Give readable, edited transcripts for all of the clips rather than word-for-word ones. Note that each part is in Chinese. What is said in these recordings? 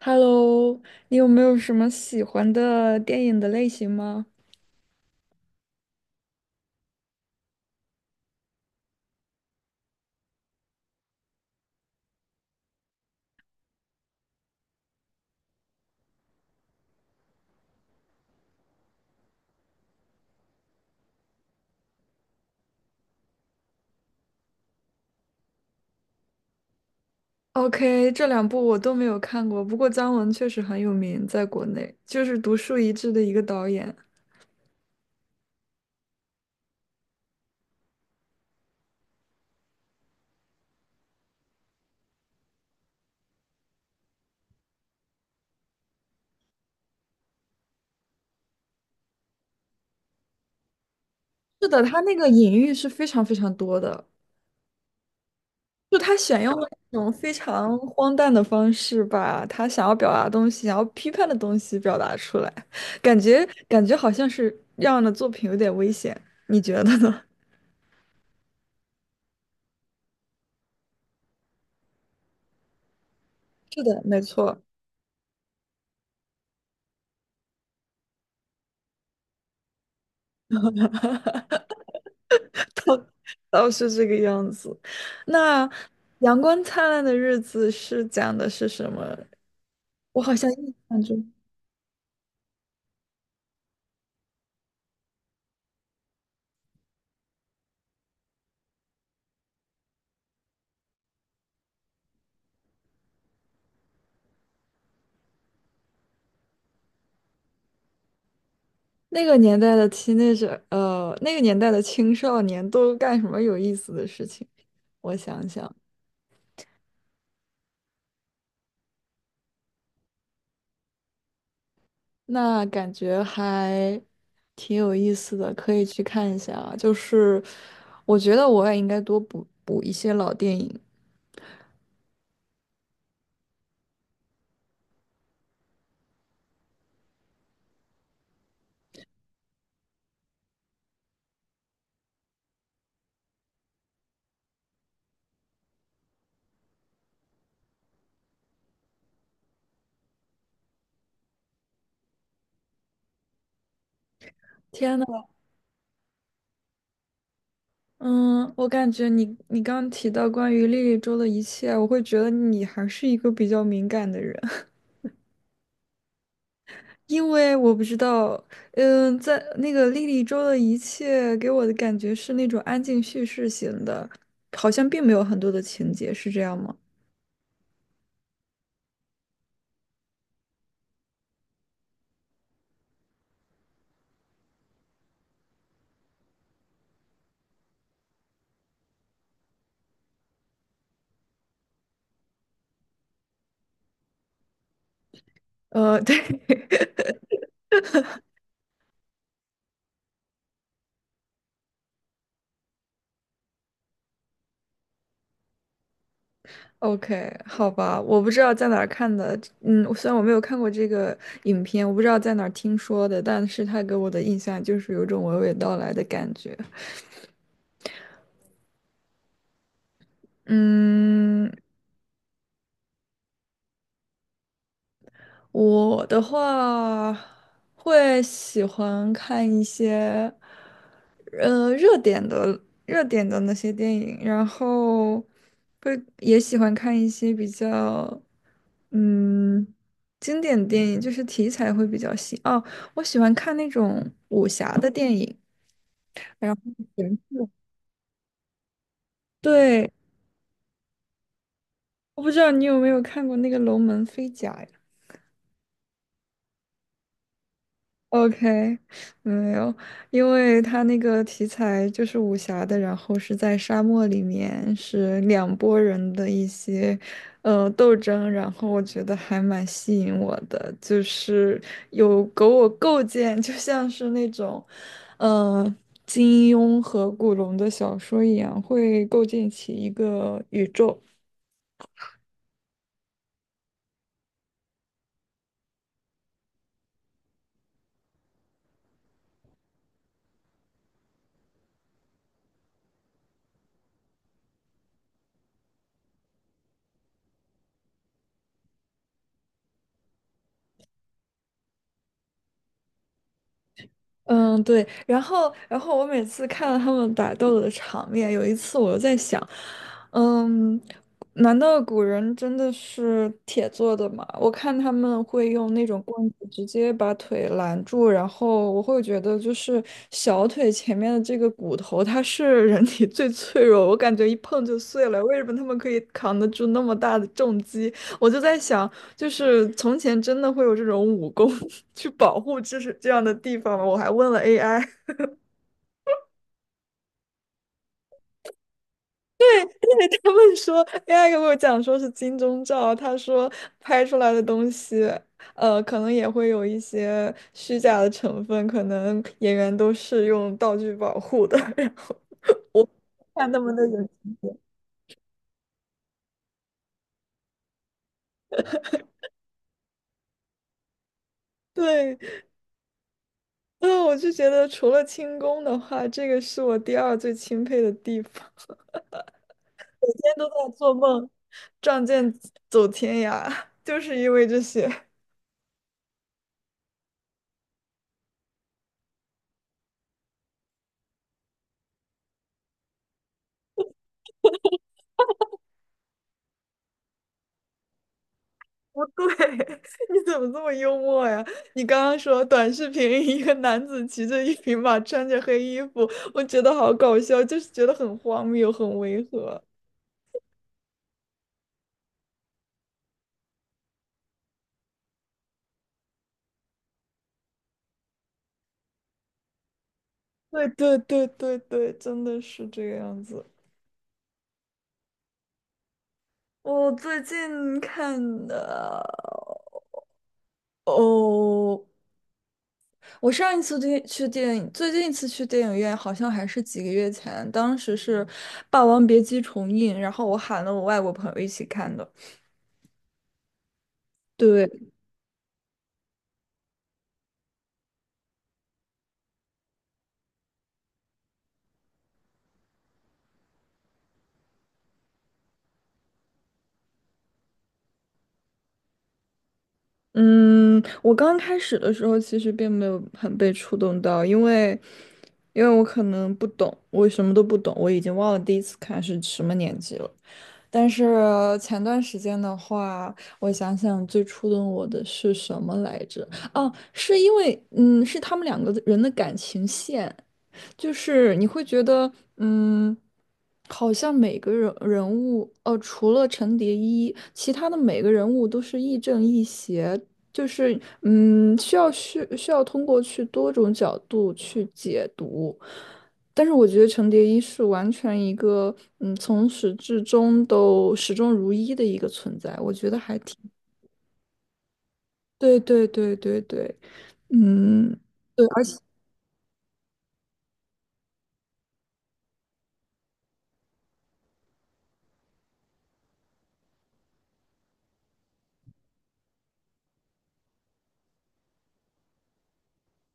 Hello，你有没有什么喜欢的电影的类型吗？OK，这两部我都没有看过，不过姜文确实很有名，在国内就是独树一帜的一个导演。是的，他那个隐喻是非常非常多的，就他选用了一种非常荒诞的方式，把他想要表达的东西、想要批判的东西表达出来，感觉感觉好像是让的作品有点危险，你觉得呢？是的，没错。哦，是这个样子。那《阳光灿烂的日子》是讲的是什么？我好像印象中那个年代的 teenager，那个年代的青少年都干什么有意思的事情？我想想，那感觉还挺有意思的，可以去看一下啊。就是我觉得我也应该多补补一些老电影。天呐！嗯，我感觉你刚刚提到关于莉莉周的一切，我会觉得你还是一个比较敏感的人，因为我不知道，在那个莉莉周的一切给我的感觉是那种安静叙事型的，好像并没有很多的情节，是这样吗？对 ，OK，好吧，我不知道在哪儿看的，虽然我没有看过这个影片，我不知道在哪儿听说的，但是它给我的印象就是有一种娓娓道来的感觉。嗯，我的话会喜欢看一些，呃，热点的热点的那些电影，然后会也喜欢看一些比较，嗯，经典电影，就是题材会比较新。哦，我喜欢看那种武侠的电影，然后对，我不知道你有没有看过那个《龙门飞甲》呀？OK，没有，因为他那个题材就是武侠的，然后是在沙漠里面，是两拨人的一些斗争，然后我觉得还蛮吸引我的，就是有给我构建，就像是那种呃金庸和古龙的小说一样，会构建起一个宇宙。嗯，对，然后我每次看到他们打斗的场面，有一次我就在想，嗯，难道古人真的是铁做的吗？我看他们会用那种棍子直接把腿拦住，然后我会觉得就是小腿前面的这个骨头，它是人体最脆弱，我感觉一碰就碎了。为什么他们可以扛得住那么大的重击？我就在想，就是从前真的会有这种武功 去保护这是这样的地方吗？我还问了 AI，因为 他们说 AI 给我讲说是金钟罩，他说拍出来的东西，可能也会有一些虚假的成分，可能演员都是用道具保护的。然后我看他们的人，对，嗯，我就觉得除了轻功的话，这个是我第二最钦佩的地方。天都在做梦，仗剑走天涯，就是因为这些。对，你怎么这么幽默呀？你刚刚说短视频，一个男子骑着一匹马，穿着黑衣服，我觉得好搞笑，就是觉得很荒谬，很违和。对对对对对，真的是这个样子。我最近看的哦，我上一次去电影，最近一次去电影院好像还是几个月前，当时是《霸王别姬》重映，然后我喊了我外国朋友一起看的。对，嗯，我刚开始的时候其实并没有很被触动到，因为我可能不懂，我什么都不懂，我已经忘了第一次看是什么年纪了。但是前段时间的话，我想想最触动我的是什么来着？哦，是因为是他们两个人的感情线，就是你会觉得嗯，好像每个人物，除了陈蝶衣，其他的每个人物都是亦正亦邪。就是需要通过去多种角度去解读，但是我觉得程蝶衣是完全一个，从始至终都始终如一的一个存在，我觉得还挺，对对对对对，嗯，对，而且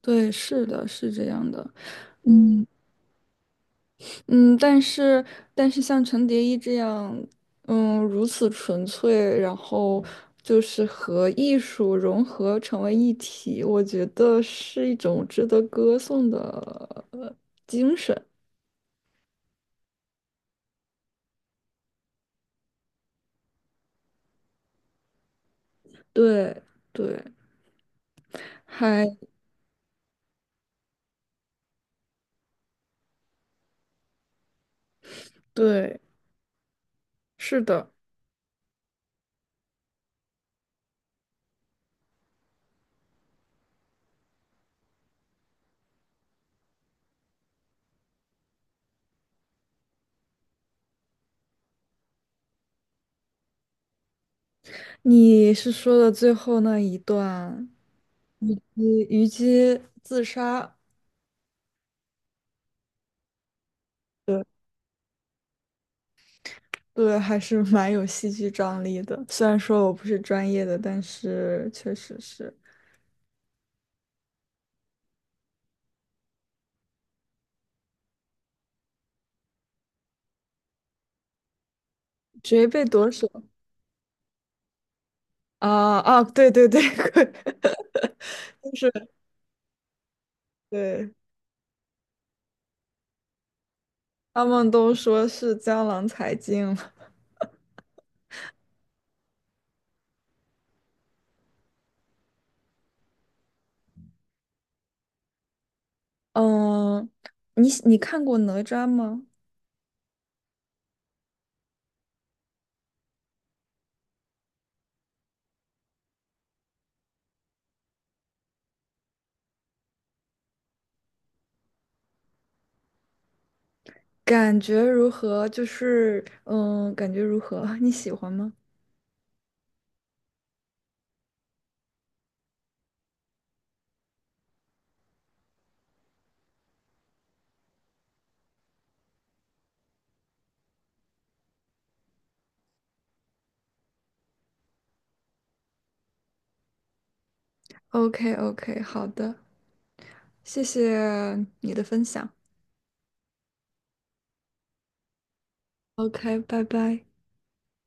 对，是的，是这样的，嗯嗯，但是像程蝶衣这样，如此纯粹，然后就是和艺术融合成为一体，我觉得是一种值得歌颂的精神，对对，还。对，是的，你是说的最后那一段，你虞姬自杀，对对，还是 蛮有戏剧张力的。虽然说我不是专业的，但是确实是谁被夺舍啊啊，对对对，就是对，他们都说是江郎才尽了。嗯，你看过哪吒吗？感觉如何？就是感觉如何？你喜欢吗？OK OK，好的。谢谢你的分享。OK，拜拜。